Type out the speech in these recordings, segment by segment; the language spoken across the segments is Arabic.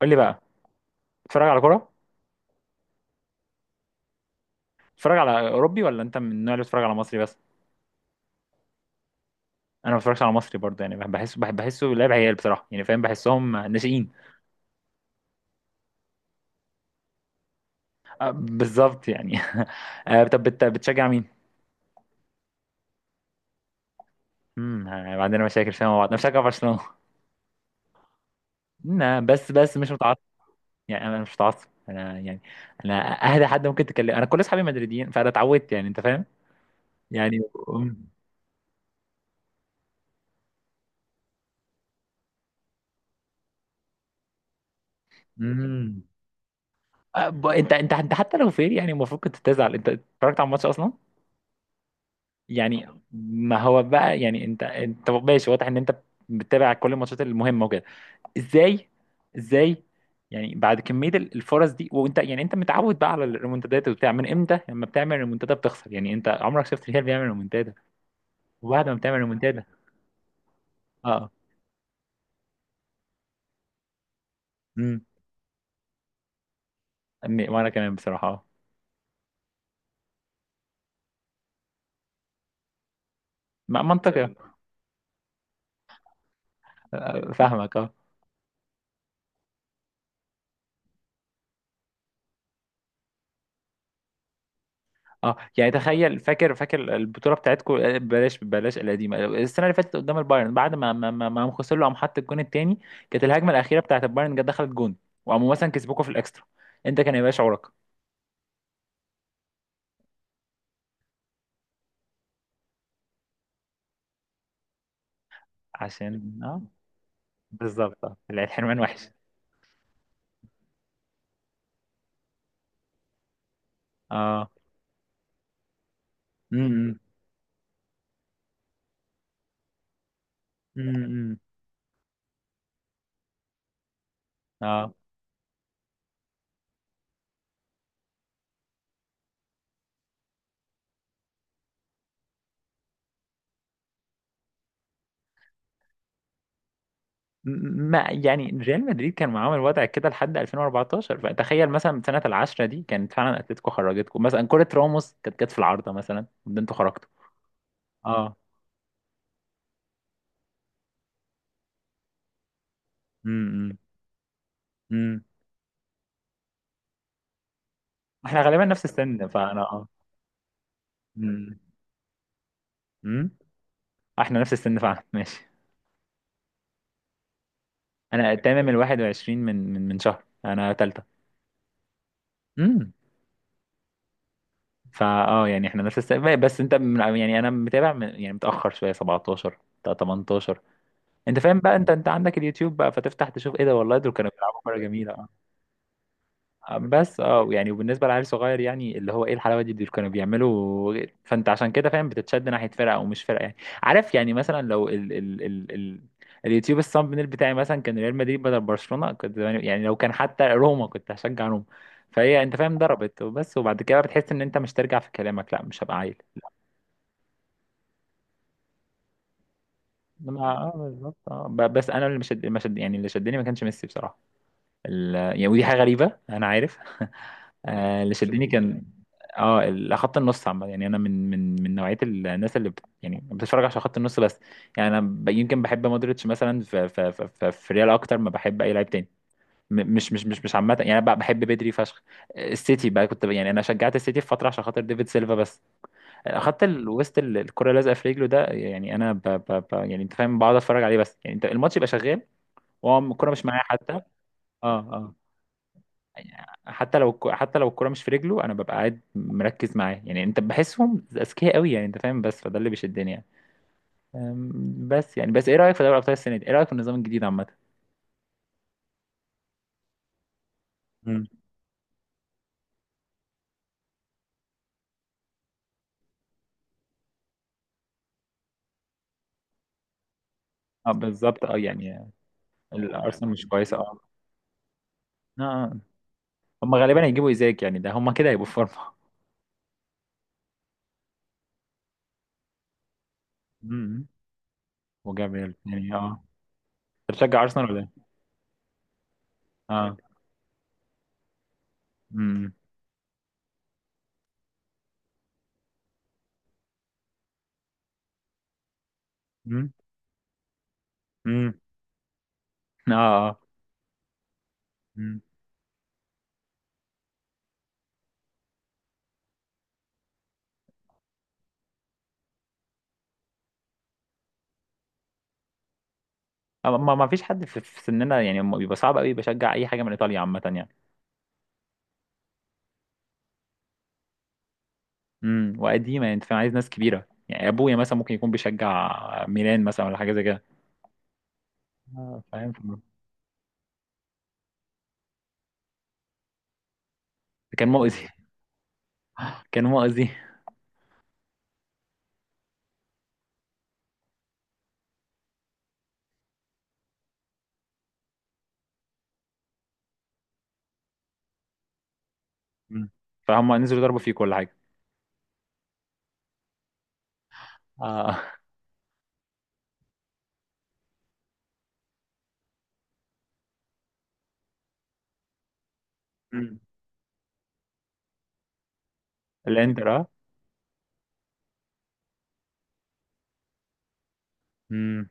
قول لي بقى. بتتفرج على كوره؟ بتتفرج على اوروبي ولا انت من النوع اللي بتتفرج على مصري بس؟ انا ما بتفرجش على مصري برضه، يعني بحس بحسه لعب عيال بصراحه، يعني فاهم، بحسهم ناشئين. آه، بالظبط يعني. آه، طب بتشجع مين؟ آه، عندنا مشاكل فيها مع بعض. انا بشجع برشلونه. لا بس بس مش متعصب. يعني انا مش متعصب، انا يعني انا اهدى حد ممكن تكلم. انا كل اصحابي مدريديين، فانا اتعودت، يعني انت فاهم يعني. امم أمم. آه، انت حتى لو فير يعني المفروض كنت تزعل. انت اتفرجت على الماتش اصلا يعني. ما هو بقى يعني، انت ماشي، واضح ان انت بتتابع كل الماتشات المهمه وكده. ازاي؟ ازاي؟ يعني بعد كميه الفرص دي، وانت يعني انت متعود بقى على الريمونتادات وبتاع، من امتى لما بتعمل ريمونتادا بتخسر؟ يعني انت عمرك شفت الهلال بيعمل ريمونتادا؟ وبعد ما بتعمل ريمونتادا. اه. امم وانا كمان بصراحه اه. منطقي. آه، فاهمك آه. اه يعني تخيل، فاكر البطوله بتاعتكم، بلاش القديمه، السنه اللي فاتت قدام البايرن، بعد ما ما ما ما قام خسر له، قام حط الجون التاني. كانت الهجمه الاخيره بتاعت البايرن جت دخلت جون. وقاموا مثلا كسبوكوا في الاكسترا، انت كان هيبقى شعورك؟ عشان اه بالظبط، اه، العيال حرمان وحش. اه. امم. امم. اه. م- ما يعني ريال مدريد كان معاهم الوضع كده لحد 2014، فتخيل مثلا سنه العشرة دي كانت فعلا اتلتيكو خرجتكم مثلا، كره راموس كانت جت في العارضه مثلا، ده انتوا خرجتوا. اه. امم. احنا غالبا نفس السن فانا اه. امم. امم. احنا نفس السن فعلا ماشي. انا تمام ال 21 من من من شهر، انا تالتة. امم. فا اه يعني احنا نفس السن، بس انت يعني انا متابع من يعني متأخر شوية، 17 تا 18. انت فاهم بقى، انت عندك اليوتيوب بقى فتفتح تشوف، ايه ده، والله دول كانوا بيلعبوا كورة جميلة. بس اه يعني وبالنسبه لعيل صغير يعني، اللي هو ايه الحلاوه دي اللي كانوا بيعملوا. فانت عشان كده فاهم بتتشد ناحيه فرقه او مش فرقه يعني. عارف، يعني مثلا لو ال اليوتيوب الثامبنيل بتاعي مثلا كان ريال مدريد بدل برشلونه، كنت يعني لو كان حتى روما كنت هشجع روما. فهي انت فاهم ضربت وبس، وبعد كده بتحس ان انت مش ترجع في كلامك، لا مش هبقى عيل. لا ما اه بالظبط، اه، بس انا اللي مش يعني اللي شدني ما كانش ميسي بصراحه. يعني ودي حاجة غريبة أنا عارف. آه، اللي شدني، شدك كان يعني، اه خط النص عامة. يعني أنا من من من نوعية الناس اللي يعني بتتفرج عشان خط النص بس. يعني أنا يمكن بحب مودريتش مثلا في ريال أكتر ما بحب أي لاعب تاني. مش عامة يعني، أنا بقى بحب بدري فشخ. السيتي بقى كنت يعني أنا شجعت السيتي في فترة عشان خاطر ديفيد سيلفا بس. خط الوسط الكرة لازقة في رجله، ده يعني أنا يعني أنت فاهم، بقعد أتفرج عليه بس، يعني أنت الماتش يبقى شغال وهو الكرة مش معايا حتى. اه. آه. حتى لو حتى لو الكرة مش في رجله انا ببقى قاعد مركز معاه، يعني انت بحسهم اذكياء قوي، يعني انت فاهم، بس فده اللي بيشدني يعني. بس يعني، بس ايه رأيك في دوري ابطال السنة دي؟ ايه رأيك في النظام الجديد عامة؟ مم. اه بالظبط اه يعني. الارسنال مش كويسة اه. آه. آه. هم غالبا هيجيبوا ايزاك، يعني ده هم كده هيبقوا في فورمة. أمم. وجابريل يعني اه. انت بتشجع ارسنال ولا ايه؟ اه. امم. امم. أمم. اه. اه. أمم. آه، ما ما فيش حد في في سننا يعني بيبقى صعب قوي بشجع اي حاجة من ايطاليا عامة يعني. امم. وقديمه، يعني انت فاهم، عايز ناس كبيره يعني، ابويا مثلا ممكن يكون بيشجع ميلان مثلا ولا حاجه زي كده. آه، فاهم. كان مؤذي. كان مؤذي. مم. فهم نزلوا ضربوا فيه كل حاجه. اه. مم. الانتر اه. مم.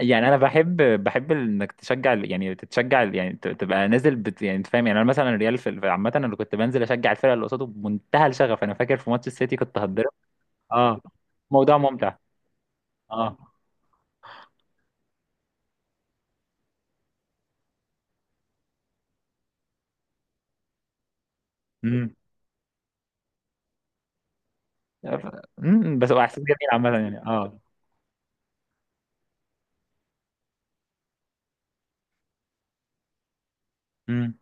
يعني انا بحب، بحب انك تشجع يعني تتشجع يعني تبقى نازل بت، يعني انت فاهم يعني. انا مثلا الريال عامه انا كنت بنزل اشجع الفرقه اللي قصاده بمنتهى الشغف. انا فاكر في ماتش السيتي كنت هتضرب. اه. موضوع ممتع. اه. امم. امم. بس هو احساس جميل عامه يعني. اه.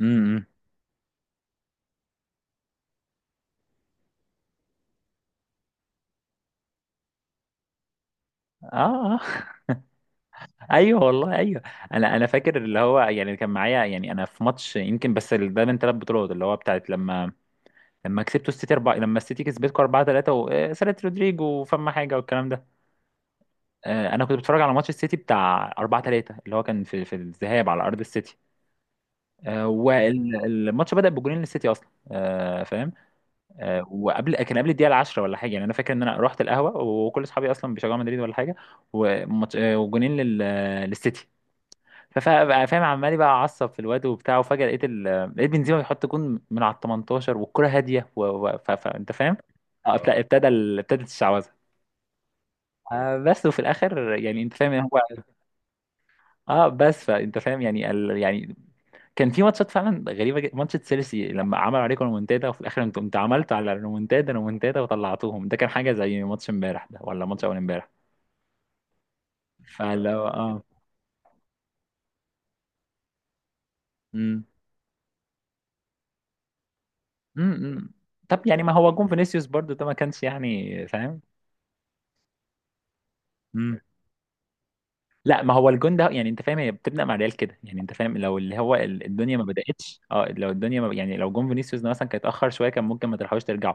امم. اه. آه. ايوه والله ايوه. انا انا فاكر، اللي هو يعني كان معايا، يعني انا في ماتش يمكن، بس ده من ثلاث بطولات، اللي هو بتاعت لما لما كسبتوا السيتي اربعه، لما السيتي كسبتكم اربعه ثلاثه وسالة رودريجو وفما حاجه والكلام ده. آه، انا كنت بتفرج على ماتش السيتي بتاع اربعه ثلاثه، اللي هو كان في في الذهاب على ارض السيتي. آه، والماتش بدأ بجولين للسيتي اصلا، آه، فاهم. آه، وقبل، كان قبل الدقيقه 10 ولا حاجه، يعني انا فاكر ان انا رحت القهوه وكل اصحابي اصلا بيشجعوا مدريد ولا حاجه. آه، وجولين للسيتي. فاهم، عمال بقى اعصب في الواد وبتاع، وفجاه لقيت لقيت بنزيما بيحط جون من على ال 18 والكره هاديه انت فاهم. اه اه ابتدت الشعوذه. آه بس، وفي الاخر يعني انت فاهم إن هو، اه بس فانت فاهم يعني ال... يعني. كان في ماتشات فعلا غريبه جدا، ماتش تشيلسي لما عملوا عليكم ريمونتادا وفي الاخر انت عملتوا على ريمونتادا ريمونتادا وطلعتوهم. ده كان حاجه زي ماتش امبارح ده ولا ماتش اول امبارح. فاللي هو اه. امم. امم. امم. طب يعني ما هو جون فينيسيوس برضو ده ما كانش يعني فاهم. لا ما هو الجون ده، يعني انت فاهم، هي بتبدا مع ريال كده، يعني انت فاهم لو اللي هو الدنيا ما بداتش، اه لو الدنيا ما يعني لو جون فينيسيوس ده مثلا كان اتاخر شويه كان ممكن ما تلحقوش ترجعوا.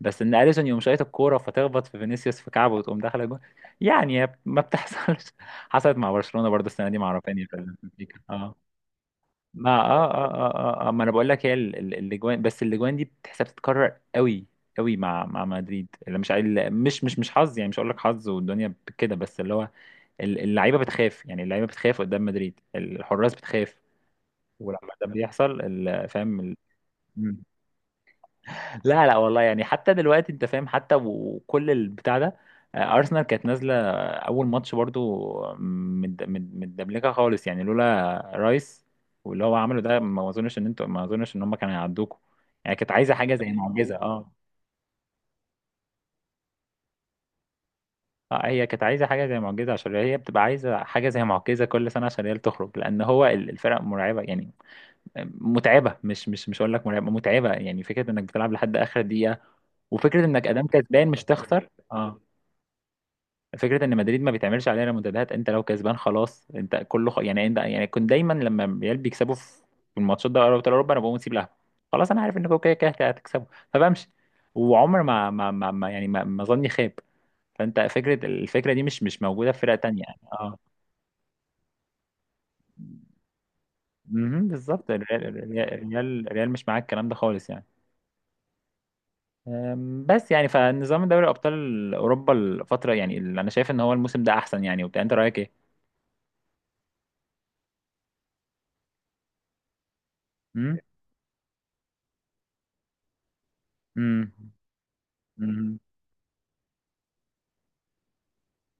بس ان اليسون يقوم شايط الكوره فتخبط في فينيسيوس في كعبه وتقوم داخله جون، يعني ما بتحصلش. حصلت مع برشلونه برضه السنه دي مع رافينيا في الفكره. ما اه اه اه اه, آه ما انا بقول لك، هي الاجوان، بس الاجوان دي بتحسب تتكرر قوي قوي مع مع مدريد، اللي مش عايل مش حظ يعني، مش هقول لك حظ والدنيا كده، بس اللي هو اللعيبه بتخاف، يعني اللعيبه بتخاف قدام مدريد، الحراس بتخاف. ولما ده بيحصل فاهم. لا لا والله يعني، حتى دلوقتي انت فاهم حتى وكل البتاع ده. آه، ارسنال كانت نازله اول ماتش برضو متدملكه خالص، يعني لولا رايس واللي هو عمله ده، ما اظنش ان ما اظنش ان هم كانوا هيعدوكوا. يعني كانت عايزه حاجه زي معجزه اه. اه هي كانت عايزه حاجه زي معجزه، عشان هي بتبقى عايزه حاجه زي معجزه كل سنه، عشان هي اللي تخرج، لان هو الفرق مرعبه يعني. آه، متعبه، مش هقول لك مرعبه، متعبه، يعني فكره انك بتلعب لحد اخر دقيقه، وفكره انك ادام كسبان مش تخسر. اه. فكره ان مدريد ما بتعملش علينا منتديات، انت لو كسبان خلاص انت كله يعني انت، يعني كنت دايما لما ريال بيكسبوا في في الماتشات ده ابطال اوروبا، انا بقوم اسيب لها، خلاص انا عارف انكم كده كده هتكسبوا، فبمشي. وعمر يعني ما ظني خاب. فانت فكره، الفكره دي مش مش موجوده في فرقه تانية يعني. اه. مهم، بالظبط، الريال مش معاك الكلام ده خالص يعني. بس يعني، فنظام دوري ابطال اوروبا الفتره، يعني اللي انا شايف ان هو الموسم ده احسن يعني وبتاع، انت رايك ايه؟ امم. امم.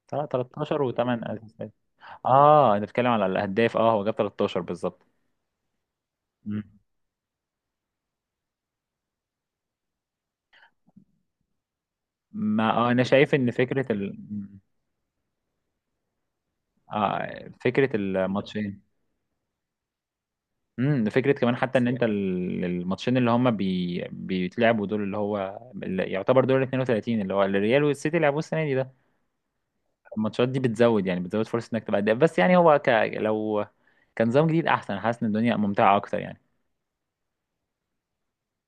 طلع 13 و8 اساسات. اه انا بتكلم على الاهداف، اه هو جاب 13 بالظبط. مم. ما آه انا شايف ان فكره مم. آه فكره الماتشين. امم. فكره كمان حتى ان انت الماتشين اللي هم بيتلعبوا دول، اللي هو اللي يعتبر دور ال 32، اللي هو الريال والسيتي لعبوه السنه دي ده. الماتشات دي بتزود، يعني بتزود فرصه انك تبقى هداف، بس يعني هو لو كان نظام جديد احسن، حاسس ان الدنيا ممتعه اكتر يعني.